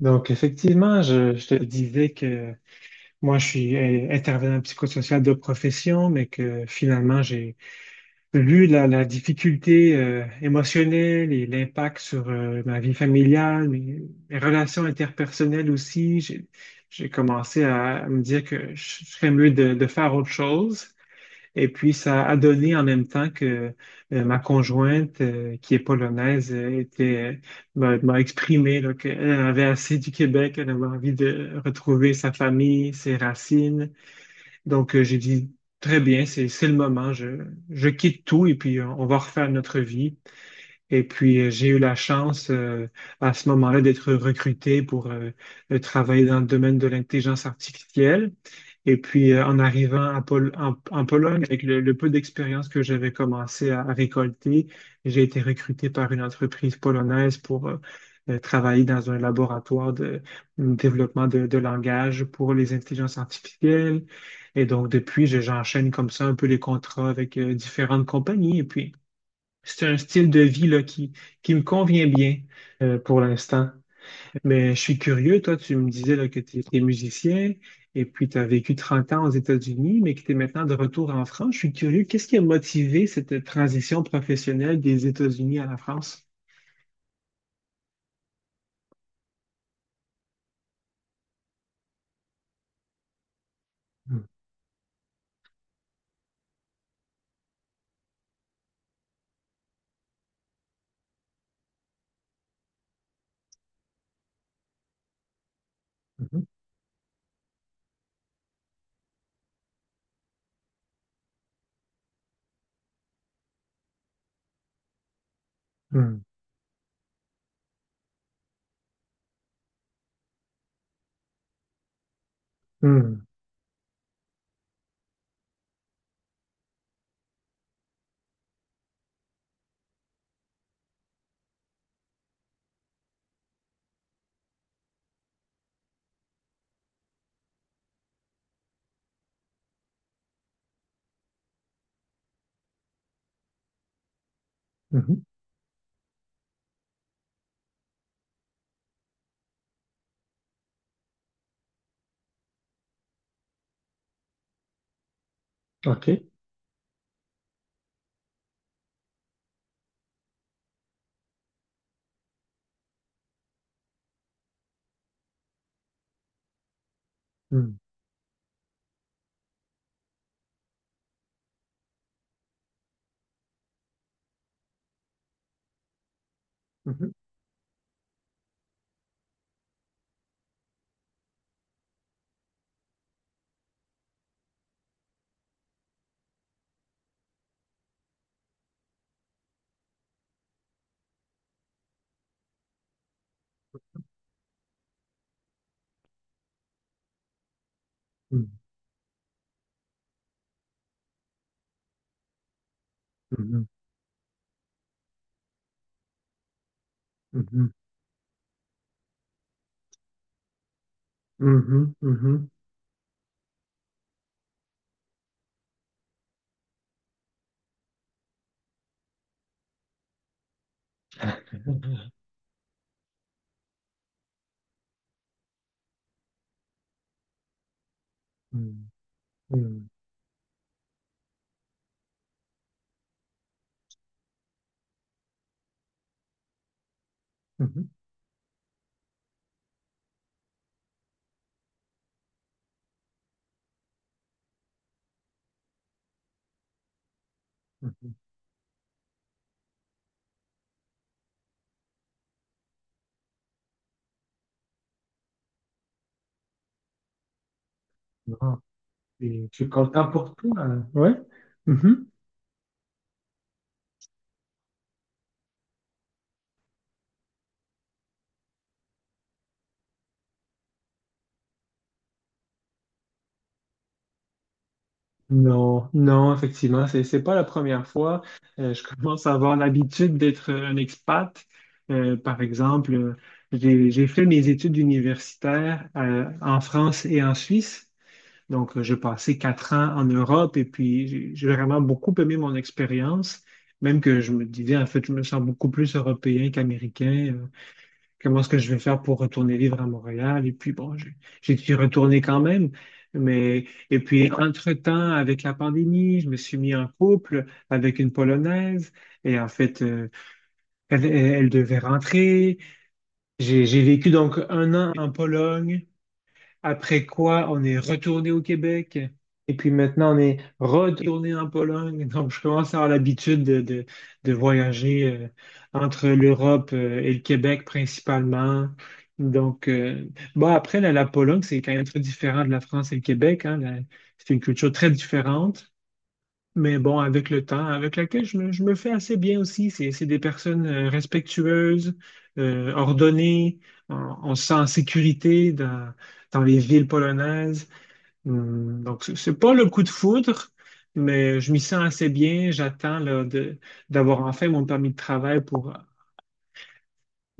Donc, effectivement, je te disais que moi, je suis intervenant psychosocial de profession, mais que finalement, j'ai vu la difficulté émotionnelle et l'impact sur ma vie familiale, mes relations interpersonnelles aussi. J'ai commencé à me dire que je serais mieux de faire autre chose. Et puis, ça a donné en même temps que ma conjointe, qui est polonaise, m'a exprimé là, qu'elle avait assez du Québec, elle avait envie de retrouver sa famille, ses racines. Donc, j'ai dit, très bien, c'est le moment, je quitte tout et puis on va refaire notre vie. Et puis, j'ai eu la chance à ce moment-là d'être recruté pour travailler dans le domaine de l'intelligence artificielle. Et puis, en arrivant à en Pologne, avec le peu d'expérience que j'avais commencé à récolter, j'ai été recruté par une entreprise polonaise pour travailler dans un laboratoire de développement de langage pour les intelligences artificielles. Et donc, depuis, j'enchaîne comme ça un peu les contrats avec différentes compagnies. Et puis, c'est un style de vie là, qui me convient bien pour l'instant. Mais je suis curieux, toi, tu me disais là, que tu étais musicien et puis tu as vécu 30 ans aux États-Unis, mais que tu es maintenant de retour en France. Je suis curieux, qu'est-ce qui a motivé cette transition professionnelle des États-Unis à la France? Mhm, mhm, mhm, mhm. OK. Mhm, mhm, mhm, mhm, mhm, mhm, mhm. Mhm, mhm, mhm, mhm. Des trucs comme- importants. Hein. Ouais. Mhm. Non, non, effectivement, c'est pas la première fois. Je commence à avoir l'habitude d'être un expat. Par exemple, j'ai fait mes études universitaires en France et en Suisse. Donc, j'ai passé 4 ans en Europe et puis j'ai vraiment beaucoup aimé mon expérience, même que je me disais, en fait, je me sens beaucoup plus européen qu'américain. Comment est-ce que je vais faire pour retourner vivre à Montréal? Et puis bon, j'ai dû retourner quand même. Mais, et puis, entre-temps, avec la pandémie, je me suis mis en couple avec une Polonaise. Et en fait, elle devait rentrer. J'ai vécu donc 1 an en Pologne. Après quoi, on est retourné au Québec. Et puis maintenant, on est retourné en Pologne. Donc, je commence à avoir l'habitude de voyager entre l'Europe et le Québec principalement. Donc, bon, après, la Pologne, c'est quand même très différent de la France et le Québec, hein. C'est une culture très différente. Mais bon, avec le temps, avec laquelle je me fais assez bien aussi. C'est des personnes respectueuses, ordonnées. On, on se sent en sécurité dans les villes polonaises. Donc, c'est pas le coup de foudre, mais je m'y sens assez bien. J'attends là, d'avoir enfin mon permis de travail pour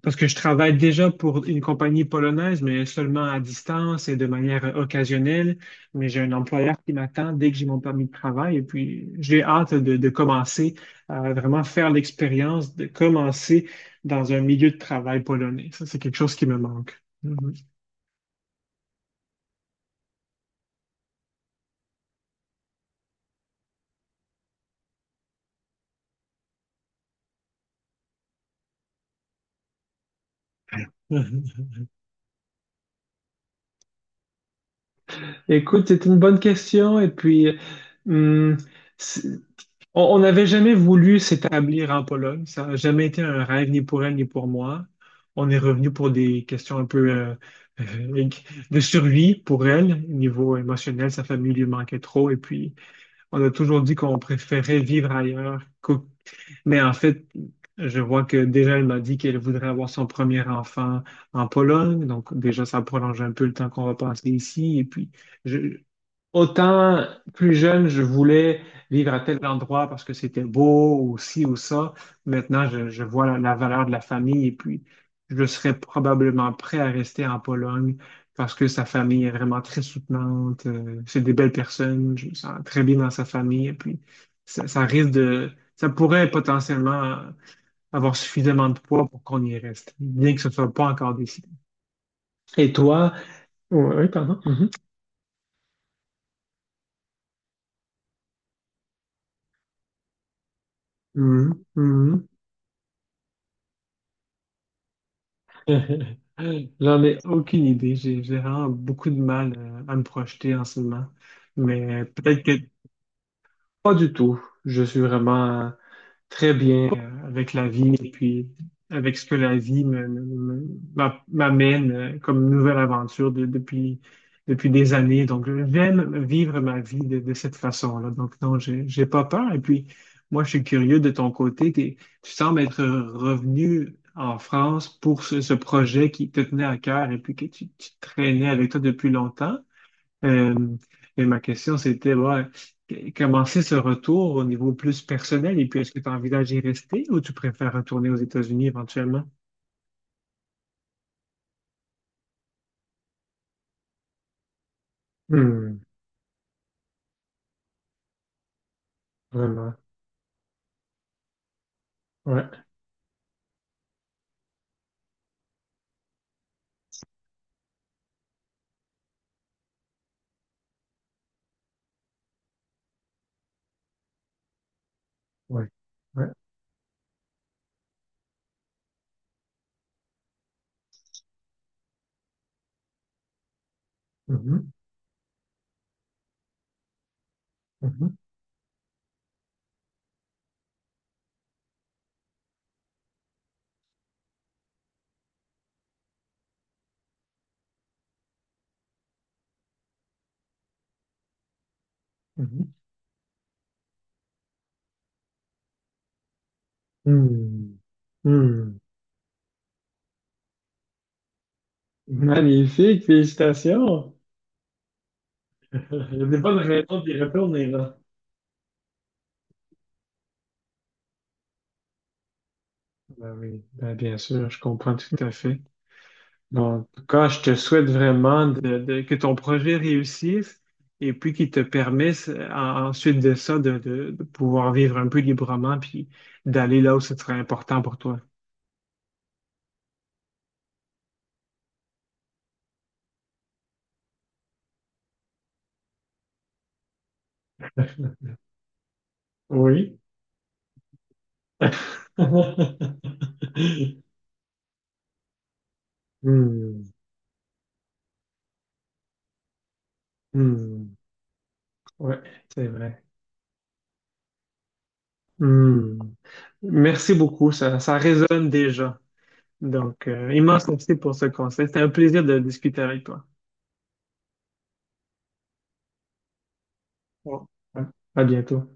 parce que je travaille déjà pour une compagnie polonaise, mais seulement à distance et de manière occasionnelle. Mais j'ai un employeur qui m'attend dès que j'ai mon permis de travail. Et puis, j'ai hâte de commencer à vraiment faire l'expérience de commencer dans un milieu de travail polonais. Ça, c'est quelque chose qui me manque. Mhm. Écoute, c'est une bonne question. Et puis, hum, c'est- On n'avait jamais voulu s'établir en Pologne. Ça n'a jamais été un rêve ni pour elle ni pour moi. On est revenu pour des questions un peu euh, de survie pour elle. Au niveau émotionnel, sa famille lui manquait trop. Et puis, on a toujours dit qu'on préférait vivre ailleurs mais en fait, je vois que déjà, elle m'a dit qu'elle voudrait avoir son premier enfant en Pologne. Donc, déjà, ça prolonge un peu le temps qu'on va passer ici. Et puis, je, autant plus jeune, je voulais vivre à tel endroit parce que c'était beau ou ci ou ça. Maintenant, je vois la valeur de la famille et puis, je serais probablement prêt à rester en Pologne parce que sa famille est vraiment très soutenante. C'est des belles personnes. Je me sens très bien dans sa famille. Et puis, ça ça risque de ça pourrait potentiellement avoir suffisamment de poids pour qu'on y reste, bien que ce ne soit pas encore décidé. Et toi? Oui, oui, pardon. Mhm. Mhm. Mhm. J'en ai aucune idée. J'ai vraiment beaucoup de mal à me projeter en ce moment. Mais peut-être que pas du tout. Je suis vraiment très bien avec la vie et puis avec ce que la vie m'amène comme nouvelle aventure depuis, depuis des années. Donc, j'aime vivre ma vie de cette façon-là. Donc, non, j'ai pas peur. Et puis, moi, je suis curieux de ton côté. Tu sembles être revenu en France pour ce projet qui te tenait à cœur et puis que tu traînais avec toi depuis longtemps. Euh, et ma question, c'était bah, comment c'est ce retour au niveau plus personnel et puis est-ce que tu envisages d'y rester ou tu préfères retourner aux États-Unis éventuellement? Hmm, vraiment. Ouais, ouais, ouais. Mhm, mhm, mhm. Hmm, hmm. Magnifique, félicitations. Il y a des bonnes raisons d'y retourner là. Ben oui, ben bien sûr, je comprends tout à fait. Donc, tout je te souhaite vraiment que ton projet réussisse et puis qu'il te permette ensuite de ça de pouvoir vivre un peu librement puis d'aller là où ce serait important pour toi. Oui. Hmm, hmm. Ouais, c'est vrai. Hmm. Merci beaucoup, ça résonne déjà. Donc, immense merci pour ce conseil. C'était un plaisir de discuter avec toi. Bon. À bientôt.